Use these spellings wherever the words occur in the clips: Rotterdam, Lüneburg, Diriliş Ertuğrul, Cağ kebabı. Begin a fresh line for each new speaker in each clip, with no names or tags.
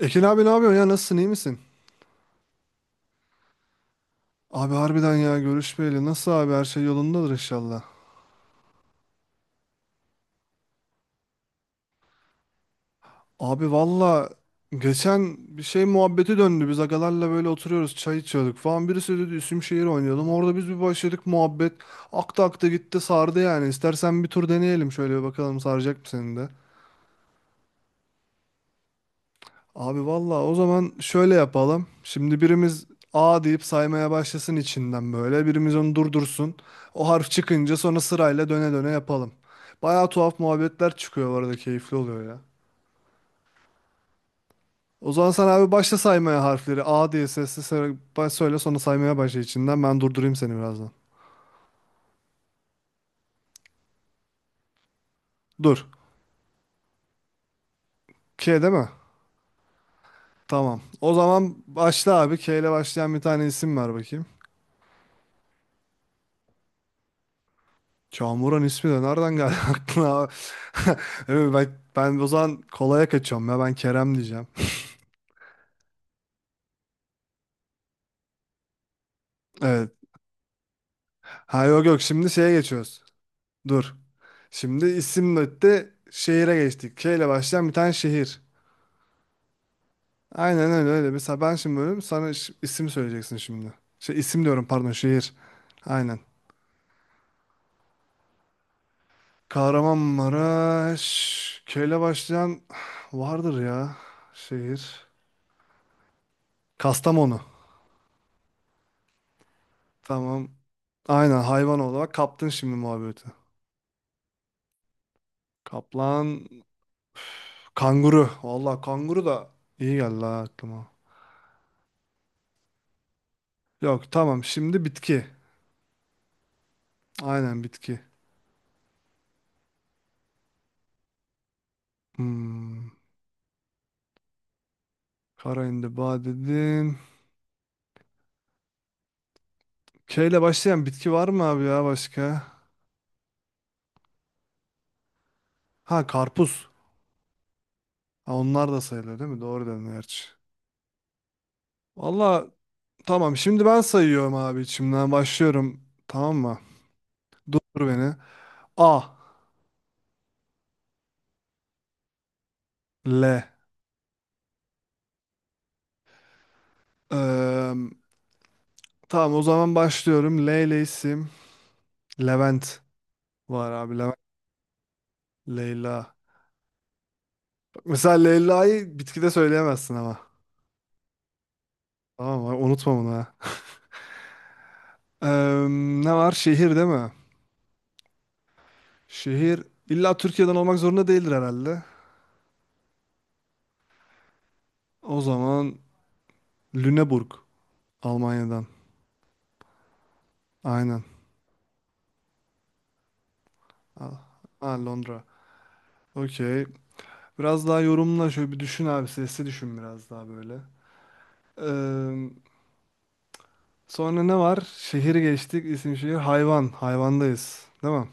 Ekin abi ne yapıyorsun ya, nasılsın, iyi misin? Abi harbiden ya, görüşmeyeli nasıl abi, her şey yolundadır inşallah. Abi valla geçen bir şey muhabbeti döndü, biz agalarla böyle oturuyoruz, çay içiyorduk falan, birisi dedi isim şehir oynayalım. Orada biz bir başladık muhabbet, akta akta gitti, sardı yani. İstersen bir tur deneyelim, şöyle bir bakalım, saracak mı seni de. Abi valla, o zaman şöyle yapalım. Şimdi birimiz A deyip saymaya başlasın içinden böyle. Birimiz onu durdursun. O harf çıkınca sonra sırayla döne döne yapalım. Baya tuhaf muhabbetler çıkıyor bu arada, keyifli oluyor ya. O zaman sen abi başla saymaya harfleri. A diye sesli söyle, söyle, sonra saymaya başla içinden. Ben durdurayım seni birazdan. Dur. K değil mi? Tamam. O zaman başla abi. K ile başlayan bir tane isim ver bakayım. Çağmuran ismi de nereden geldi aklına? Abi? Evet, ben o zaman kolaya kaçıyorum ya, ben Kerem diyeceğim. Evet. Ha yok yok, şimdi şeye geçiyoruz. Dur. Şimdi isim öte şehire geçtik. K ile başlayan bir tane şehir. Aynen öyle öyle. Mesela ben şimdi bölüm sana isim söyleyeceksin şimdi. Şey, isim diyorum pardon, şehir. Aynen. Kahramanmaraş. K ile başlayan vardır ya şehir. Kastamonu. Tamam. Aynen, hayvan olarak kaptın şimdi muhabbeti. Kaplan, kanguru. Vallahi kanguru da iyi geldi ha aklıma. Yok, tamam, şimdi bitki. Aynen, bitki. Hmm. Kara indiba dedin. K ile başlayan bitki var mı abi ya başka? Ha, karpuz. Ha, onlar da sayılır değil mi? Doğru dedin gerçi. Vallahi tamam, şimdi ben sayıyorum abi, içimden başlıyorum. Tamam mı? Dur beni. A. L. Eee, tamam, o zaman başlıyorum. L ile isim. Levent var abi. Levent. Leyla. Bak mesela Leyla'yı bitkide söyleyemezsin ama. Tamam mı? Unutma bunu ha. Eee, ne var? Şehir değil mi? Şehir illa Türkiye'den olmak zorunda değildir herhalde. O zaman Lüneburg. Almanya'dan. Aynen. Al. Ha, Londra. Okey. Biraz daha yorumla, şöyle bir düşün abi. Sesli düşün biraz daha böyle. Eee, sonra ne var? Şehir geçtik. İsim, şehir. Hayvan. Hayvandayız. Değil mi?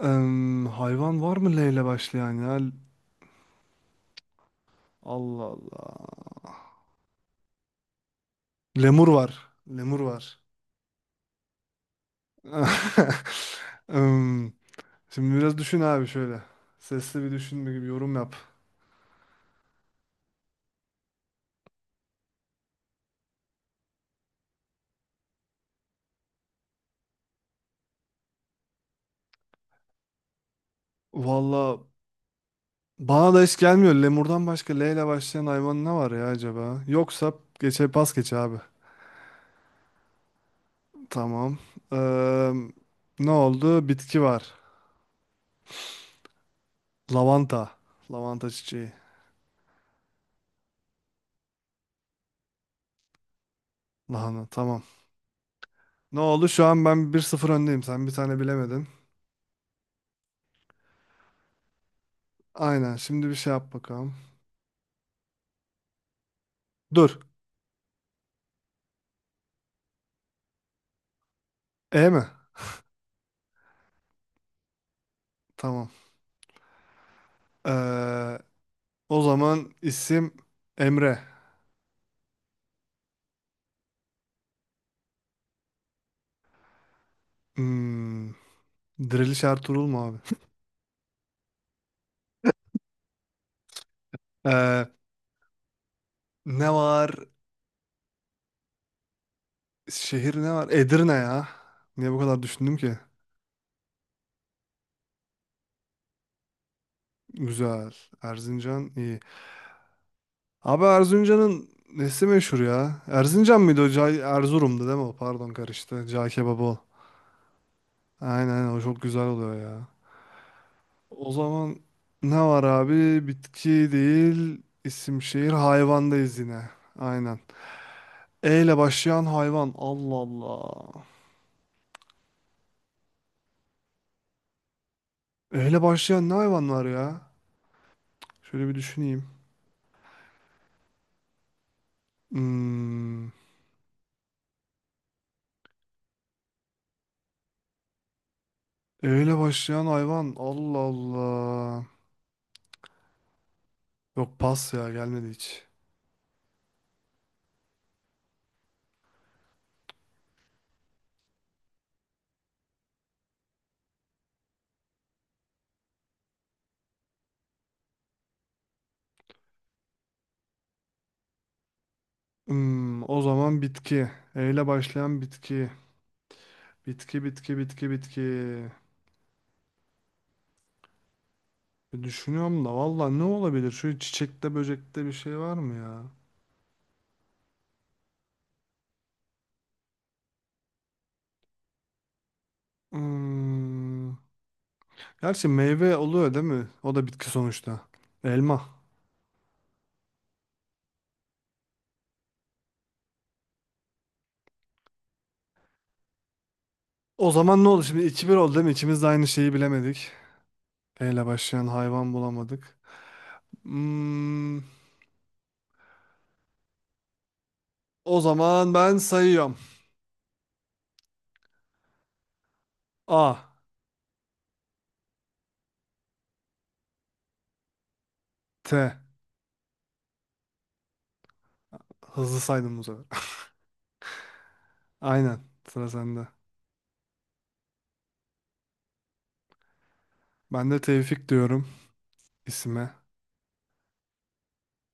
Hayvan var mı L ile başlayan ya? Allah Allah. Lemur var. Lemur var. Em, şimdi biraz düşün abi şöyle. Sesli bir düşünme gibi yorum yap. Valla bana da hiç gelmiyor. Lemurdan başka L ile başlayan hayvan ne var ya acaba? Yoksa geçe pas geç abi. Tamam. Em, ne oldu? Bitki var. Lavanta. Lavanta çiçeği. Lahana tamam. Ne oldu? Şu an ben 1-0 öndeyim. Sen bir tane bilemedin. Aynen. Şimdi bir şey yap bakalım. Dur. E mi? Tamam. Ee, o zaman isim Emre. Hmm, Diriliş Ertuğrul mu abi? Ee, ne var? Şehir ne var? Edirne ya. Niye bu kadar düşündüm ki? Güzel. Erzincan iyi. Abi Erzincan'ın nesi meşhur ya? Erzincan mıydı o? Erzurum'du değil mi o? Pardon karıştı. Cağ kebabı o. Aynen, o çok güzel oluyor ya. O zaman ne var abi? Bitki değil, isim, şehir, hayvandayız yine. Aynen. E ile başlayan hayvan. Allah Allah. E ile başlayan ne hayvan var ya? Şöyle bir düşüneyim. Hmm. E ile başlayan hayvan. Allah Allah. Yok, pas ya, gelmedi hiç. Hmm, o zaman bitki. E ile başlayan bitki. Bitki. E, düşünüyorum da valla ne olabilir? Şöyle çiçekte, böcekte bir şey var mı ya? Hmm. Gerçi meyve oluyor değil mi? O da bitki sonuçta. Elma. O zaman ne oldu? Şimdi 2-1 oldu değil mi? İkimiz de aynı şeyi bilemedik. E ile başlayan hayvan bulamadık. Hmm. O zaman ben sayıyorum. A, T. Hızlı saydım bu sefer. Aynen. Sıra sende. Ben de Tevfik diyorum isime.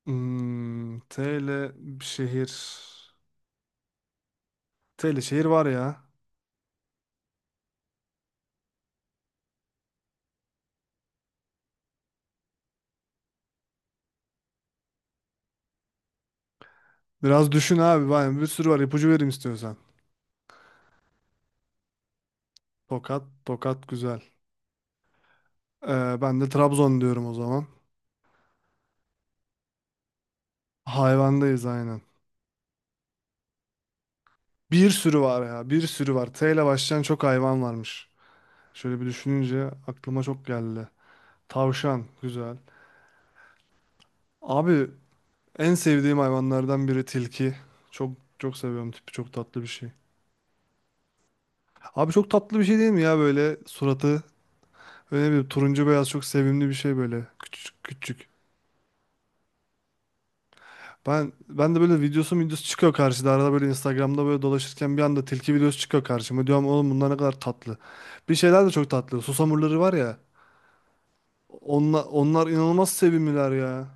Hmm. T ile bir şehir. T ile şehir var ya. Biraz düşün abi. Vay, bir sürü var. İpucu vereyim istiyorsan. Tokat. Tokat güzel. Ben de Trabzon diyorum o zaman. Hayvandayız aynen. Bir sürü var ya, bir sürü var. T ile başlayan çok hayvan varmış. Şöyle bir düşününce aklıma çok geldi. Tavşan, güzel. Abi en sevdiğim hayvanlardan biri tilki. Çok çok seviyorum tipi, çok tatlı bir şey. Abi çok tatlı bir şey değil mi ya böyle suratı? Öyle bir turuncu beyaz, çok sevimli bir şey böyle. Küçük küçük. Ben de böyle videosu çıkıyor karşıda. Arada böyle Instagram'da böyle dolaşırken bir anda tilki videosu çıkıyor karşıma. Diyorum oğlum bunlar ne kadar tatlı. Bir şeyler de çok tatlı. Susamurları var ya. Onlar inanılmaz sevimliler ya.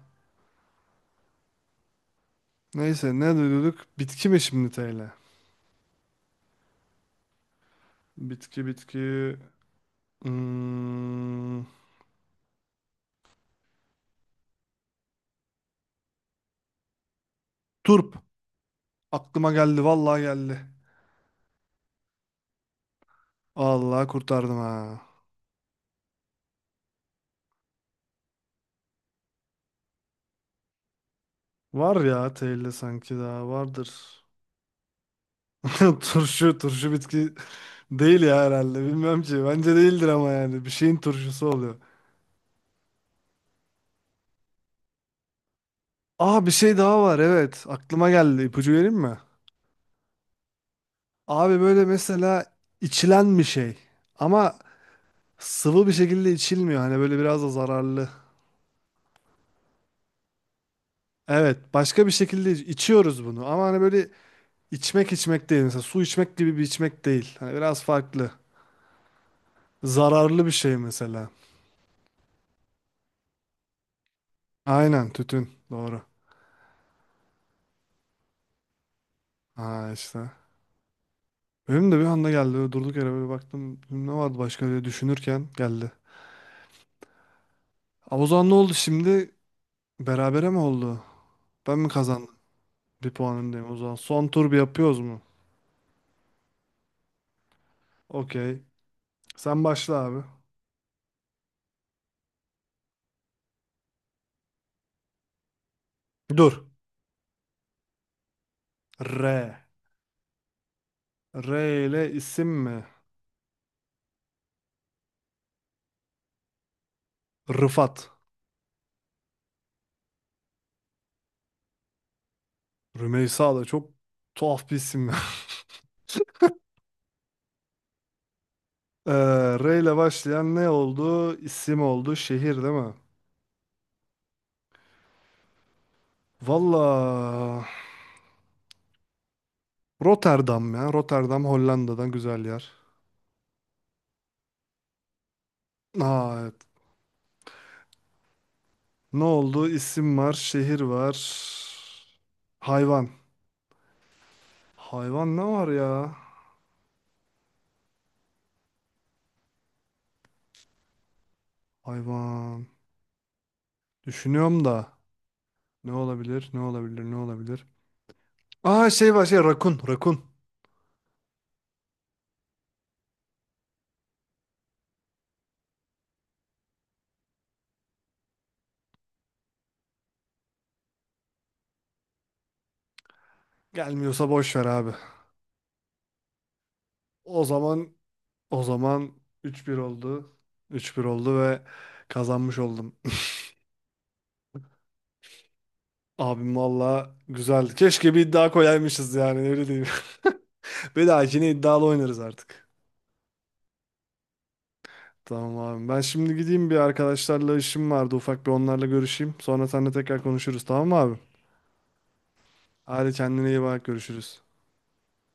Neyse ne diyorduk? Bitki mi şimdi TL? Bitki bitki. Hmm, turp. Aklıma geldi, vallahi geldi. Allah kurtardım ha. Var ya TL sanki daha vardır. Turşu, turşu bitki değil ya herhalde. Bilmem ki. Bence değildir ama yani. Bir şeyin turşusu oluyor. Aa, bir şey daha var. Evet. Aklıma geldi. İpucu vereyim mi? Abi böyle mesela içilen bir şey. Ama sıvı bir şekilde içilmiyor. Hani böyle biraz da zararlı. Evet. Başka bir şekilde içiyoruz bunu. Ama hani böyle içmek, içmek değil. Mesela su içmek gibi bir içmek değil. Hani biraz farklı. Zararlı bir şey mesela. Aynen. Tütün. Doğru. Ha işte. Benim de bir anda geldi. Böyle durduk yere böyle baktım. Ne vardı başka diye düşünürken geldi. Ama o zaman ne oldu şimdi? Berabere mi oldu? Ben mi kazandım? Bir puan öndeyim o zaman. Son tur bir yapıyoruz mu? Okey. Sen başla abi. Dur. R. R ile isim mi? Rıfat. Rümeysa da çok tuhaf bir isim ya. Ee, R ile başlayan ne oldu? İsim oldu. Şehir değil mi? Valla Rotterdam ya. Rotterdam Hollanda'dan güzel yer. Aa, evet. Ne oldu? İsim var, şehir var. Hayvan. Hayvan ne var ya? Hayvan. Düşünüyorum da. Ne olabilir? Ne olabilir? Ne olabilir? Aa, şey var, şey, rakun. Rakun. Gelmiyorsa boş ver abi. O zaman, o zaman 3-1 oldu. Üç bir oldu ve kazanmış oldum. Abim valla güzeldi. Keşke bir iddia koyaymışız yani, öyle diyeyim. Bir daha yine iddialı oynarız artık. Tamam abi. Ben şimdi gideyim, bir arkadaşlarla işim vardı. Ufak bir onlarla görüşeyim. Sonra seninle tekrar konuşuruz, tamam mı abi? Hadi, kendine iyi bak, görüşürüz.